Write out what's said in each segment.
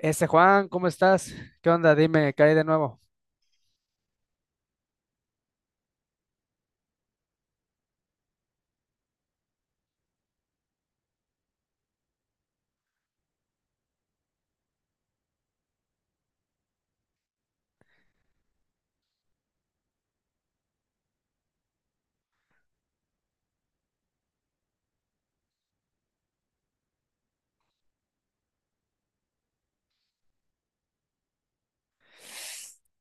Ese Juan, ¿cómo estás? ¿Qué onda? Dime, ¿qué hay de nuevo?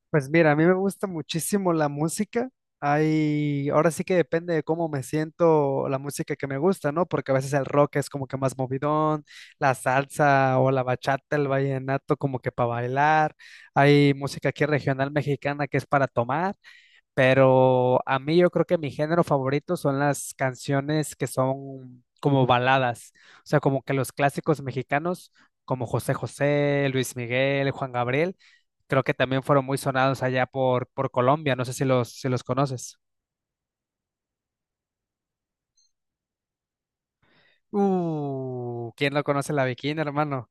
Pues mira, a mí me gusta muchísimo la música. Hay, ahora sí que depende de cómo me siento la música que me gusta, ¿no? Porque a veces el rock es como que más movidón, la salsa o la bachata, el vallenato como que para bailar. Hay música aquí regional mexicana que es para tomar. Pero a mí yo creo que mi género favorito son las canciones que son como baladas, o sea, como que los clásicos mexicanos, como José José, Luis Miguel, Juan Gabriel, creo que también fueron muy sonados allá por Colombia, no sé si si los conoces. ¿Quién no conoce la Bikini, hermano?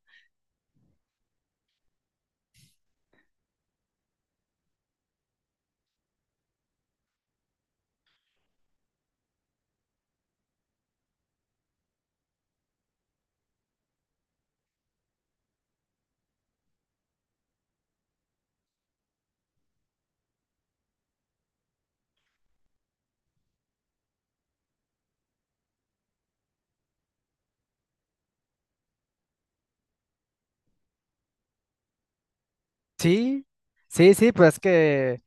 Sí, sí, sí, pues es que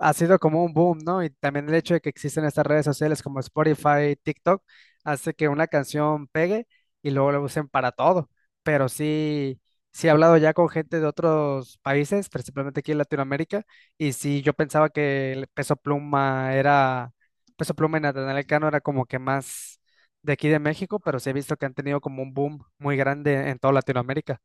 ha sido como un boom, ¿no? Y también el hecho de que existen estas redes sociales como Spotify, TikTok, hace que una canción pegue y luego la usen para todo. Pero sí, sí he hablado ya con gente de otros países, principalmente aquí en Latinoamérica, y sí yo pensaba que el Peso Pluma era, Peso Pluma y Natanael Cano era como que más de aquí de México, pero sí he visto que han tenido como un boom muy grande en toda Latinoamérica.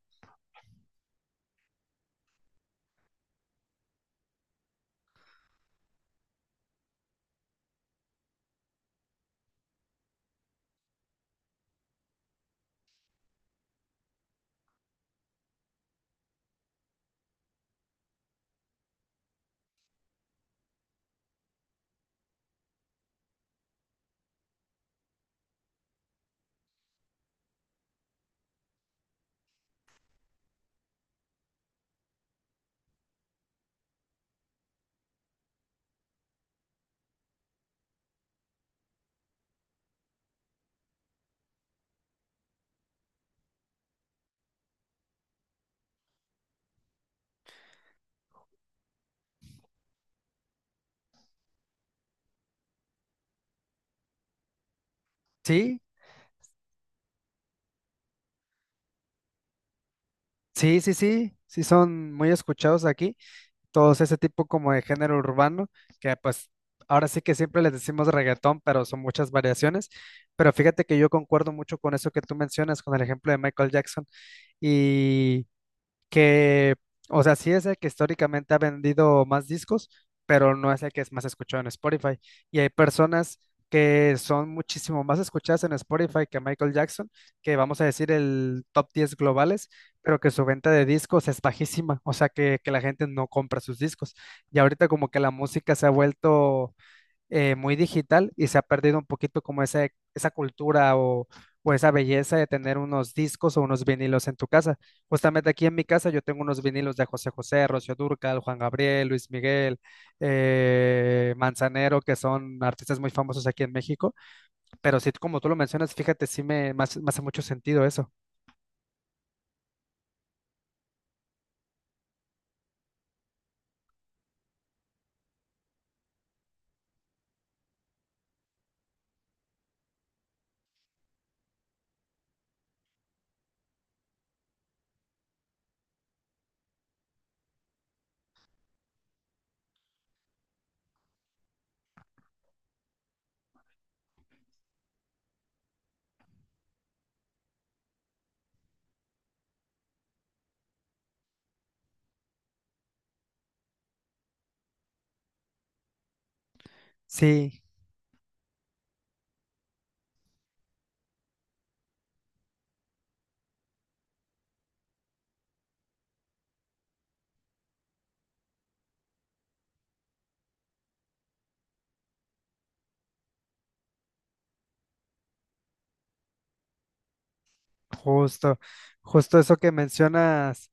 Sí, sí, sí, sí, sí son muy escuchados aquí. Todos ese tipo como de género urbano, que pues ahora sí que siempre les decimos reggaetón, pero son muchas variaciones. Pero fíjate que yo concuerdo mucho con eso que tú mencionas, con el ejemplo de Michael Jackson. Y que, o sea, sí es el que históricamente ha vendido más discos, pero no es el que es más escuchado en Spotify. Y hay personas que son muchísimo más escuchadas en Spotify que Michael Jackson, que vamos a decir el top 10 globales, pero que su venta de discos es bajísima, o sea, que la gente no compra sus discos. Y ahorita como que la música se ha vuelto muy digital y se ha perdido un poquito como esa cultura o esa belleza de tener unos discos o unos vinilos en tu casa. Justamente aquí en mi casa yo tengo unos vinilos de José José, Rocío Dúrcal, Juan Gabriel, Luis Miguel, Manzanero, que son artistas muy famosos aquí en México. Pero sí, como tú lo mencionas, fíjate, me hace mucho sentido eso. Sí, justo, justo eso que mencionas.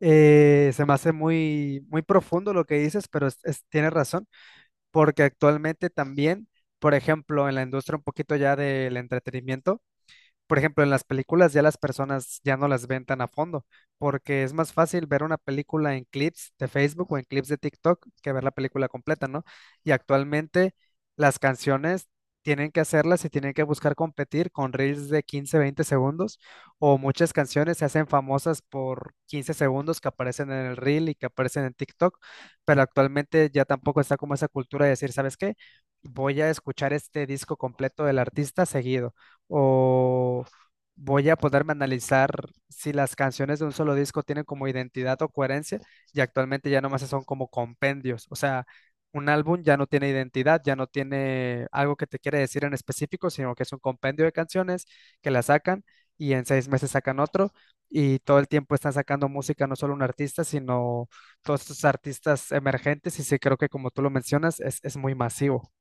Eh, se me hace muy profundo lo que dices, pero tienes razón. Porque actualmente también, por ejemplo, en la industria un poquito ya del entretenimiento, por ejemplo, en las películas ya las personas ya no las ven tan a fondo, porque es más fácil ver una película en clips de Facebook o en clips de TikTok que ver la película completa, ¿no? Y actualmente las canciones tienen que hacerlas y tienen que buscar competir con reels de 15, 20 segundos, o muchas canciones se hacen famosas por 15 segundos que aparecen en el reel y que aparecen en TikTok, pero actualmente ya tampoco está como esa cultura de decir, ¿sabes qué? Voy a escuchar este disco completo del artista seguido o voy a poderme analizar si las canciones de un solo disco tienen como identidad o coherencia y actualmente ya nomás son como compendios, o sea, un álbum ya no tiene identidad, ya no tiene algo que te quiere decir en específico, sino que es un compendio de canciones que la sacan y en 6 meses sacan otro y todo el tiempo están sacando música, no solo un artista, sino todos estos artistas emergentes y sí creo que como tú lo mencionas, es muy masivo.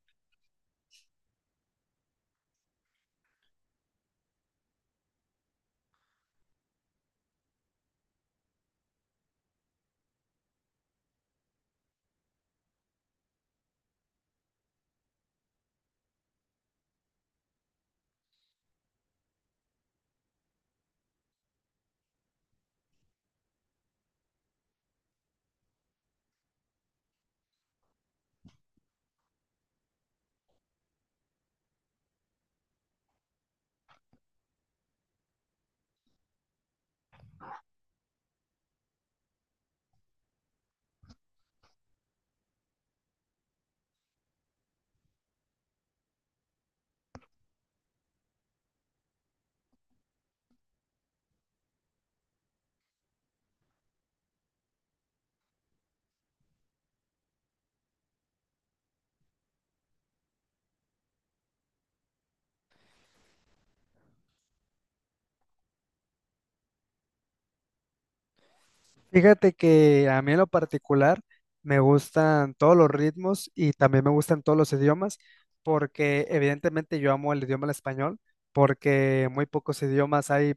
Fíjate que a mí en lo particular me gustan todos los ritmos y también me gustan todos los idiomas porque evidentemente yo amo el idioma el español porque muy pocos idiomas hay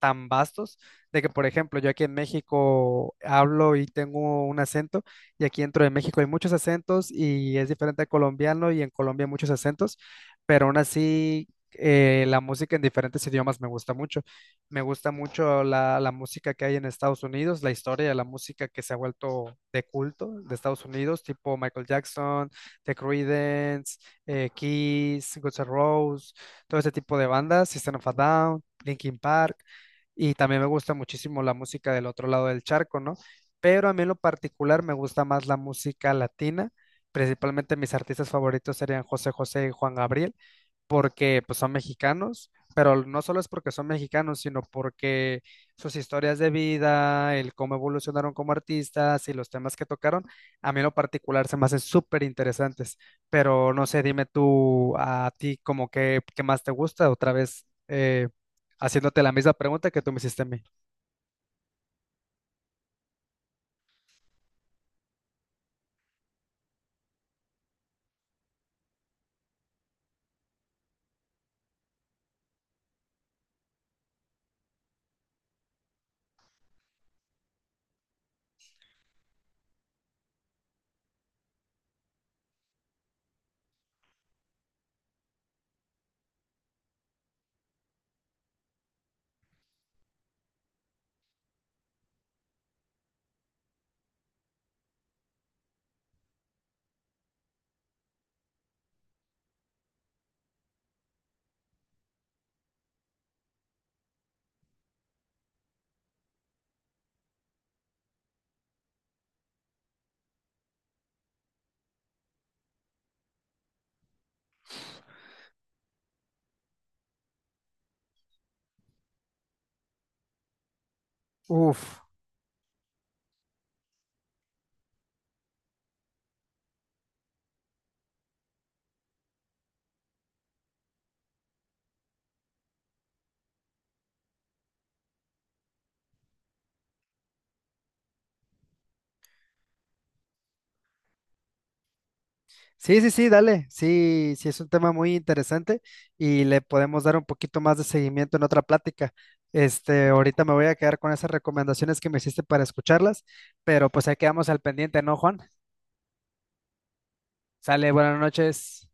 tan vastos de que por ejemplo yo aquí en México hablo y tengo un acento y aquí dentro de México hay muchos acentos y es diferente al colombiano y en Colombia hay muchos acentos pero aún así la música en diferentes idiomas me gusta mucho. Me gusta mucho la música que hay en Estados Unidos, la historia de la música que se ha vuelto de culto de Estados Unidos, tipo Michael Jackson, The Creedence, Kiss, Guns N' Roses, todo ese tipo de bandas, System of a Down, Linkin Park, y también me gusta muchísimo la música del otro lado del charco, ¿no? Pero a mí en lo particular me gusta más la música latina, principalmente mis artistas favoritos serían José José y Juan Gabriel porque pues, son mexicanos, pero no solo es porque son mexicanos, sino porque sus historias de vida, el cómo evolucionaron como artistas y los temas que tocaron, a mí en lo particular se me hacen súper interesantes. Pero no sé, dime tú a ti como que, qué más te gusta, otra vez haciéndote la misma pregunta que tú me hiciste a mí. Uf. Sí, sí, sí, dale. Sí, sí, es un tema muy interesante y le podemos dar un poquito más de seguimiento en otra plática. Este, ahorita me voy a quedar con esas recomendaciones que me hiciste para escucharlas, pero pues ahí quedamos al pendiente, ¿no, Juan? Sale, buenas noches.